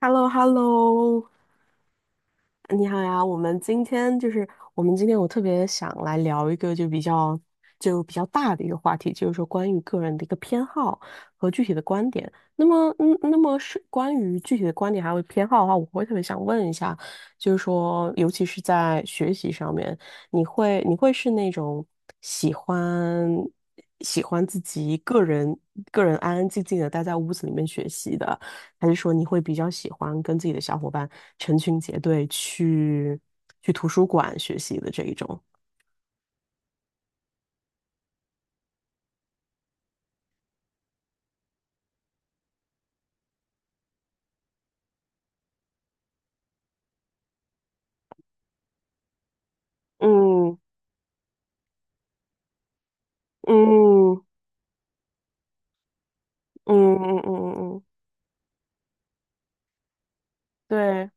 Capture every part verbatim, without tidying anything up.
h e l l o h e l l o。 呃你好呀。我们今天就是我们今天我特别想来聊一个就比较就比较大的一个话题，就是说关于个人的一个偏好和具体的观点。那么，嗯，那么是关于具体的观点还有偏好的话，我会特别想问一下，就是说，尤其是在学习上面，你会你会是那种喜欢喜欢自己个人个人安安静静的待在屋子里面学习的？还是说你会比较喜欢跟自己的小伙伴成群结队去去图书馆学习的这一种？嗯嗯嗯嗯嗯嗯，嗯，对，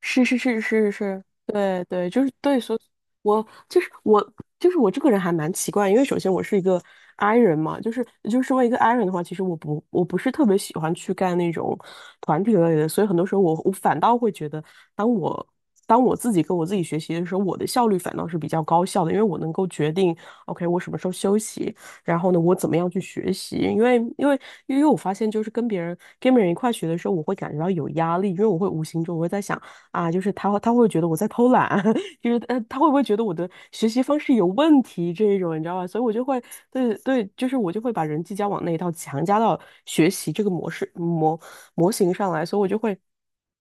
是是是是是，对对，就是对，所以我就是我就是我这个人还蛮奇怪。因为首先我是一个 I 人嘛，就是就是身为一个 I 人的话，其实我不我不是特别喜欢去干那种团体类的，所以很多时候我我反倒会觉得，当我当我自己跟我自己学习的时候，我的效率反倒是比较高效的，因为我能够决定，OK，我什么时候休息，然后呢，我怎么样去学习？因为因为因为我发现，就是跟别人跟别人一块学的时候，我会感觉到有压力，因为我会无形中我会在想，啊，就是他会他会觉得我在偷懒。就是呃他会不会觉得我的学习方式有问题这一种，你知道吧？所以我就会，对对，就是我就会把人际交往那一套强加到学习这个模式模模型上来，所以我就会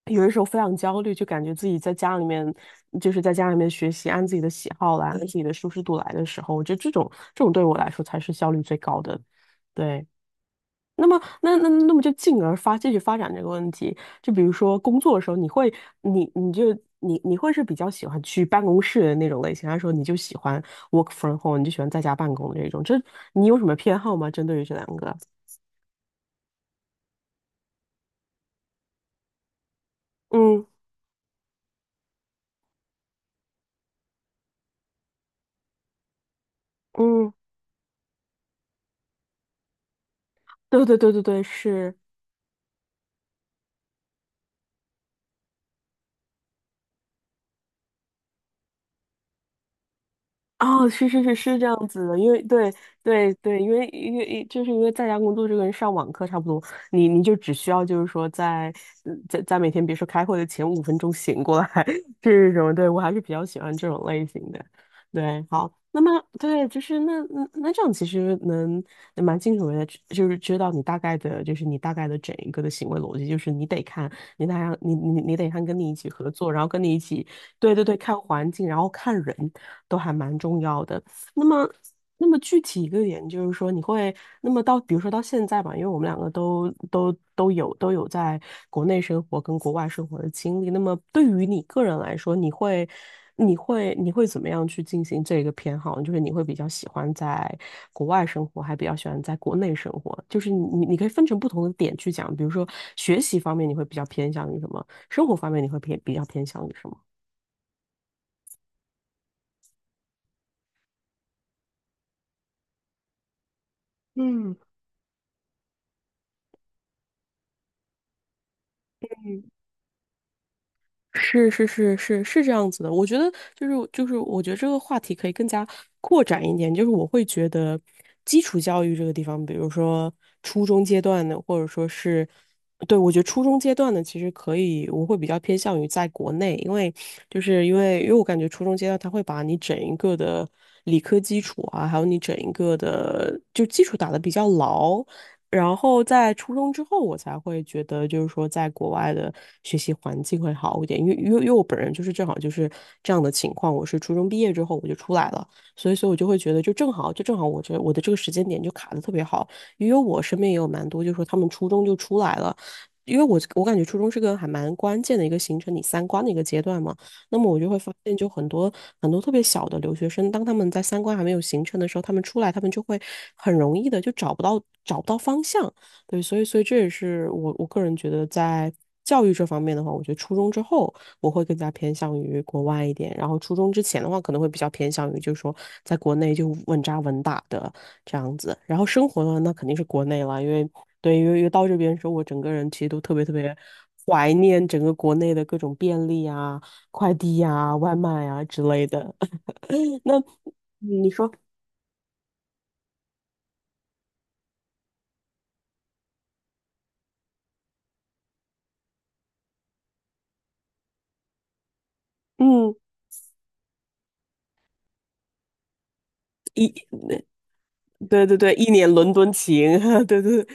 有的时候非常焦虑，就感觉自己在家里面就是在家里面学习，按自己的喜好来，按自己的舒适度来的时候，我觉得这种这种对我来说才是效率最高的。对。那么，那那那么就进而发继续发展这个问题，就比如说工作的时候，你会，你你就你你会是比较喜欢去办公室的那种类型，还是说你就喜欢 work from home，你就喜欢在家办公的这种？这你有什么偏好吗？针对于这两个？嗯嗯，对对对对对，是。哦，是是是是这样子的，因为对对对，因为因为就是因为在家工作就跟上网课差不多，你你就只需要就是说在嗯在在每天比如说开会的前五分钟醒过来， 这种，对我还是比较喜欢这种类型的。对，好，那么对，就是那那那这样其实能蛮清楚的，就是知道你大概的，就是你大概的整一个的行为逻辑，就是你得看你大概你你你得看跟你一起合作，然后跟你一起。对对对，看环境，然后看人都还蛮重要的。那么，那么具体一个点就是说，你会那么到，比如说到现在吧，因为我们两个都都都有都有在国内生活跟国外生活的经历。那么对于你个人来说，你会你会你会怎么样去进行这个偏好呢？就是你会比较喜欢在国外生活，还比较喜欢在国内生活？就是你你你可以分成不同的点去讲，比如说学习方面你会比较偏向于什么，生活方面你会偏比较偏向于什么？嗯，是是是是是这样子的，我觉得就是就是，我觉得这个话题可以更加扩展一点。就是我会觉得基础教育这个地方，比如说初中阶段的，或者说是，对，我觉得初中阶段的其实可以，我会比较偏向于在国内。因为就是因为因为我感觉初中阶段它会把你整一个的理科基础啊，还有你整一个的就基础打得比较牢，然后在初中之后，我才会觉得，就是说，在国外的学习环境会好一点。因为因为因为我本人就是正好就是这样的情况，我是初中毕业之后我就出来了，所以所以我就会觉得，就正好就正好我这我的这个时间点就卡的特别好，因为我身边也有蛮多，就是说他们初中就出来了，因为我我感觉初中是个还蛮关键的一个形成你三观的一个阶段嘛。那么我就会发现，就很多很多特别小的留学生，当他们在三观还没有形成的时候，他们出来，他们就会很容易的就找不到找不到方向。对，所以所以这也是我我个人觉得在，教育这方面的话，我觉得初中之后我会更加偏向于国外一点，然后初中之前的话，可能会比较偏向于就是说在国内就稳扎稳打的这样子。然后生活呢，那肯定是国内了，因为对，因为因为到这边的时候，我整个人其实都特别特别怀念整个国内的各种便利啊，快递呀、外卖呀、之类的。那嗯你说，嗯，一，对对对，一年伦敦情，对对对，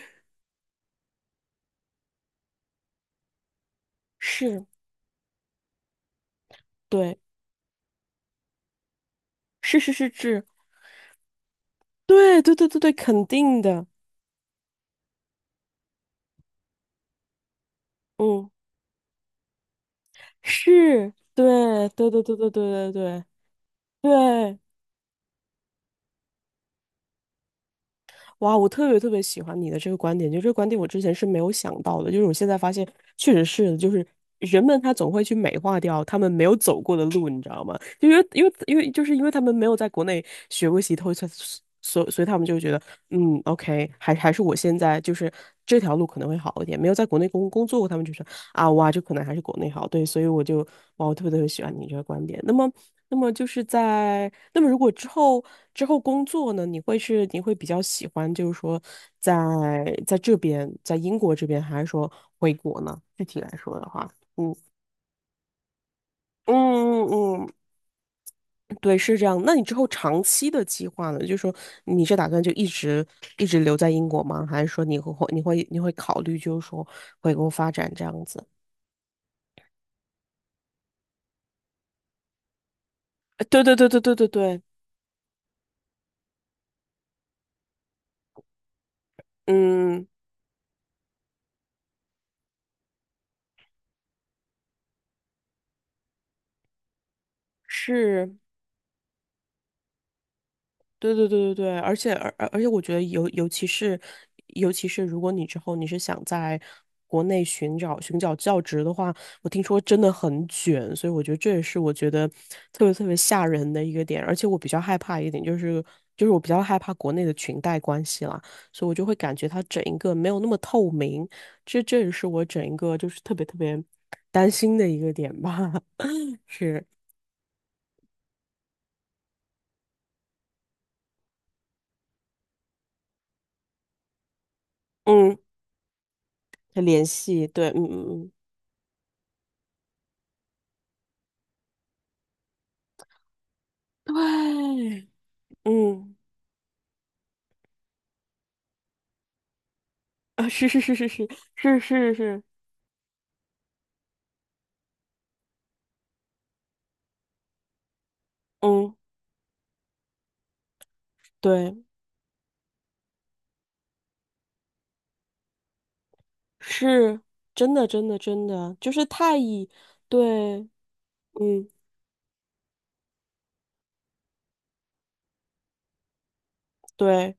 是，对，是是是是，对对对对对，肯定的，嗯，是，对对对对对对对对对，哇，我特别特别喜欢你的这个观点，就这个观点我之前是没有想到的，就是我现在发现确实是的，就是人们他总会去美化掉他们没有走过的路，你知道吗？因为因为因为就是因为他们没有在国内学过习透，所以所所以他们就觉得，嗯，OK，还还是我现在就是这条路可能会好一点。没有在国内工工作过，他们就说啊，哇，就可能还是国内好。对，所以我就哇，我特别特别喜欢你这个观点。那么，那么就是在那么如果之后之后工作呢，你会是你会比较喜欢，就是说在在这边在英国这边，还是说回国呢？具体来说的话，嗯嗯嗯，对，是这样。那你之后长期的计划呢？就是说，你是打算就一直一直留在英国吗？还是说你会你会你会考虑就是说回国发展这样子？呃对对对对对对对，嗯，是，对对对对对，而且而而而且，我觉得尤尤其是尤其是如果你之后你是想在国内寻找寻找教职的话，我听说真的很卷，所以我觉得这也是我觉得特别特别吓人的一个点。而且我比较害怕一点就是就是我比较害怕国内的裙带关系啦，所以我就会感觉它整一个没有那么透明，这这也是我整一个就是特别特别担心的一个点吧。是，嗯，联系，对，嗯嗯嗯，对，嗯。啊，是是是是是是是是，嗯，对，是真的真的真的，就是太以，对，嗯，对，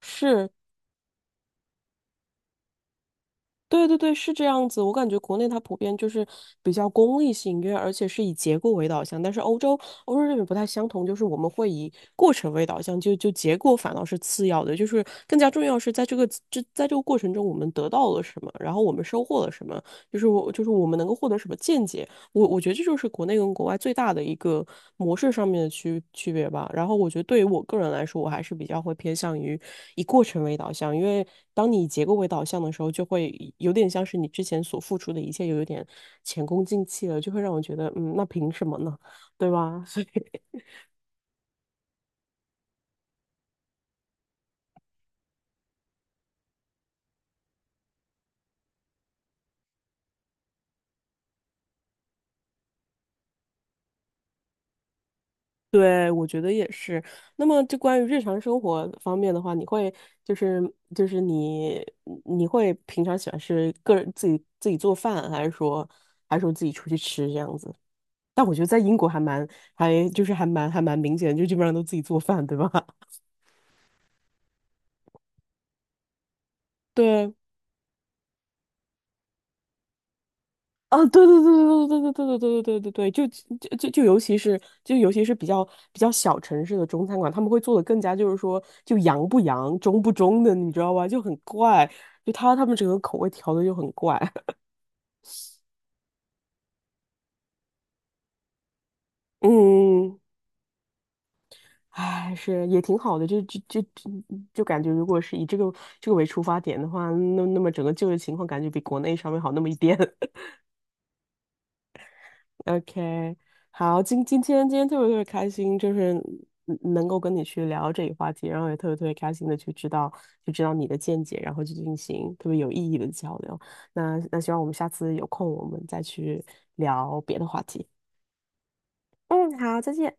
是，对对对，是这样子。我感觉国内它普遍就是比较功利性，因为而且是以结果为导向。但是欧洲欧洲这边不太相同，就是我们会以过程为导向，就就结果反倒是次要的，就是更加重要是在这个这在这个过程中我们得到了什么，然后我们收获了什么，就是我就是我们能够获得什么见解。我我觉得这就是国内跟国外最大的一个模式上面的区区别吧。然后我觉得对于我个人来说，我还是比较会偏向于以过程为导向，因为当你以结构为导向的时候，就会有点像是你之前所付出的一切又有一点前功尽弃了，就会让我觉得，嗯，那凭什么呢？对吧？对，我觉得也是。那么，就关于日常生活方面的话，你会就是就是你你会平常喜欢是个人自己自己做饭，还是说还是说自己出去吃这样子？但我觉得在英国还蛮还就是还蛮还蛮明显，就基本上都自己做饭，对吧？对，啊，对对对对对对对对对对对对，就就就就尤其是就尤其是比较比较小城市的中餐馆，他们会做的更加就是说就洋不洋、中不中的，你知道吧？就很怪，就他他们整个口味调的就很怪。嗯，唉，是也挺好的，就就就就就感觉如果是以这个这个为出发点的话，那那么整个就业情况感觉比国内稍微好那么一点。OK，好，今今天今天特别特别开心，就是嗯能够跟你去聊这个话题，然后也特别特别开心的去知道去知道你的见解，然后去进行特别有意义的交流。那那希望我们下次有空，我们再去聊别的话题。嗯，好，再见。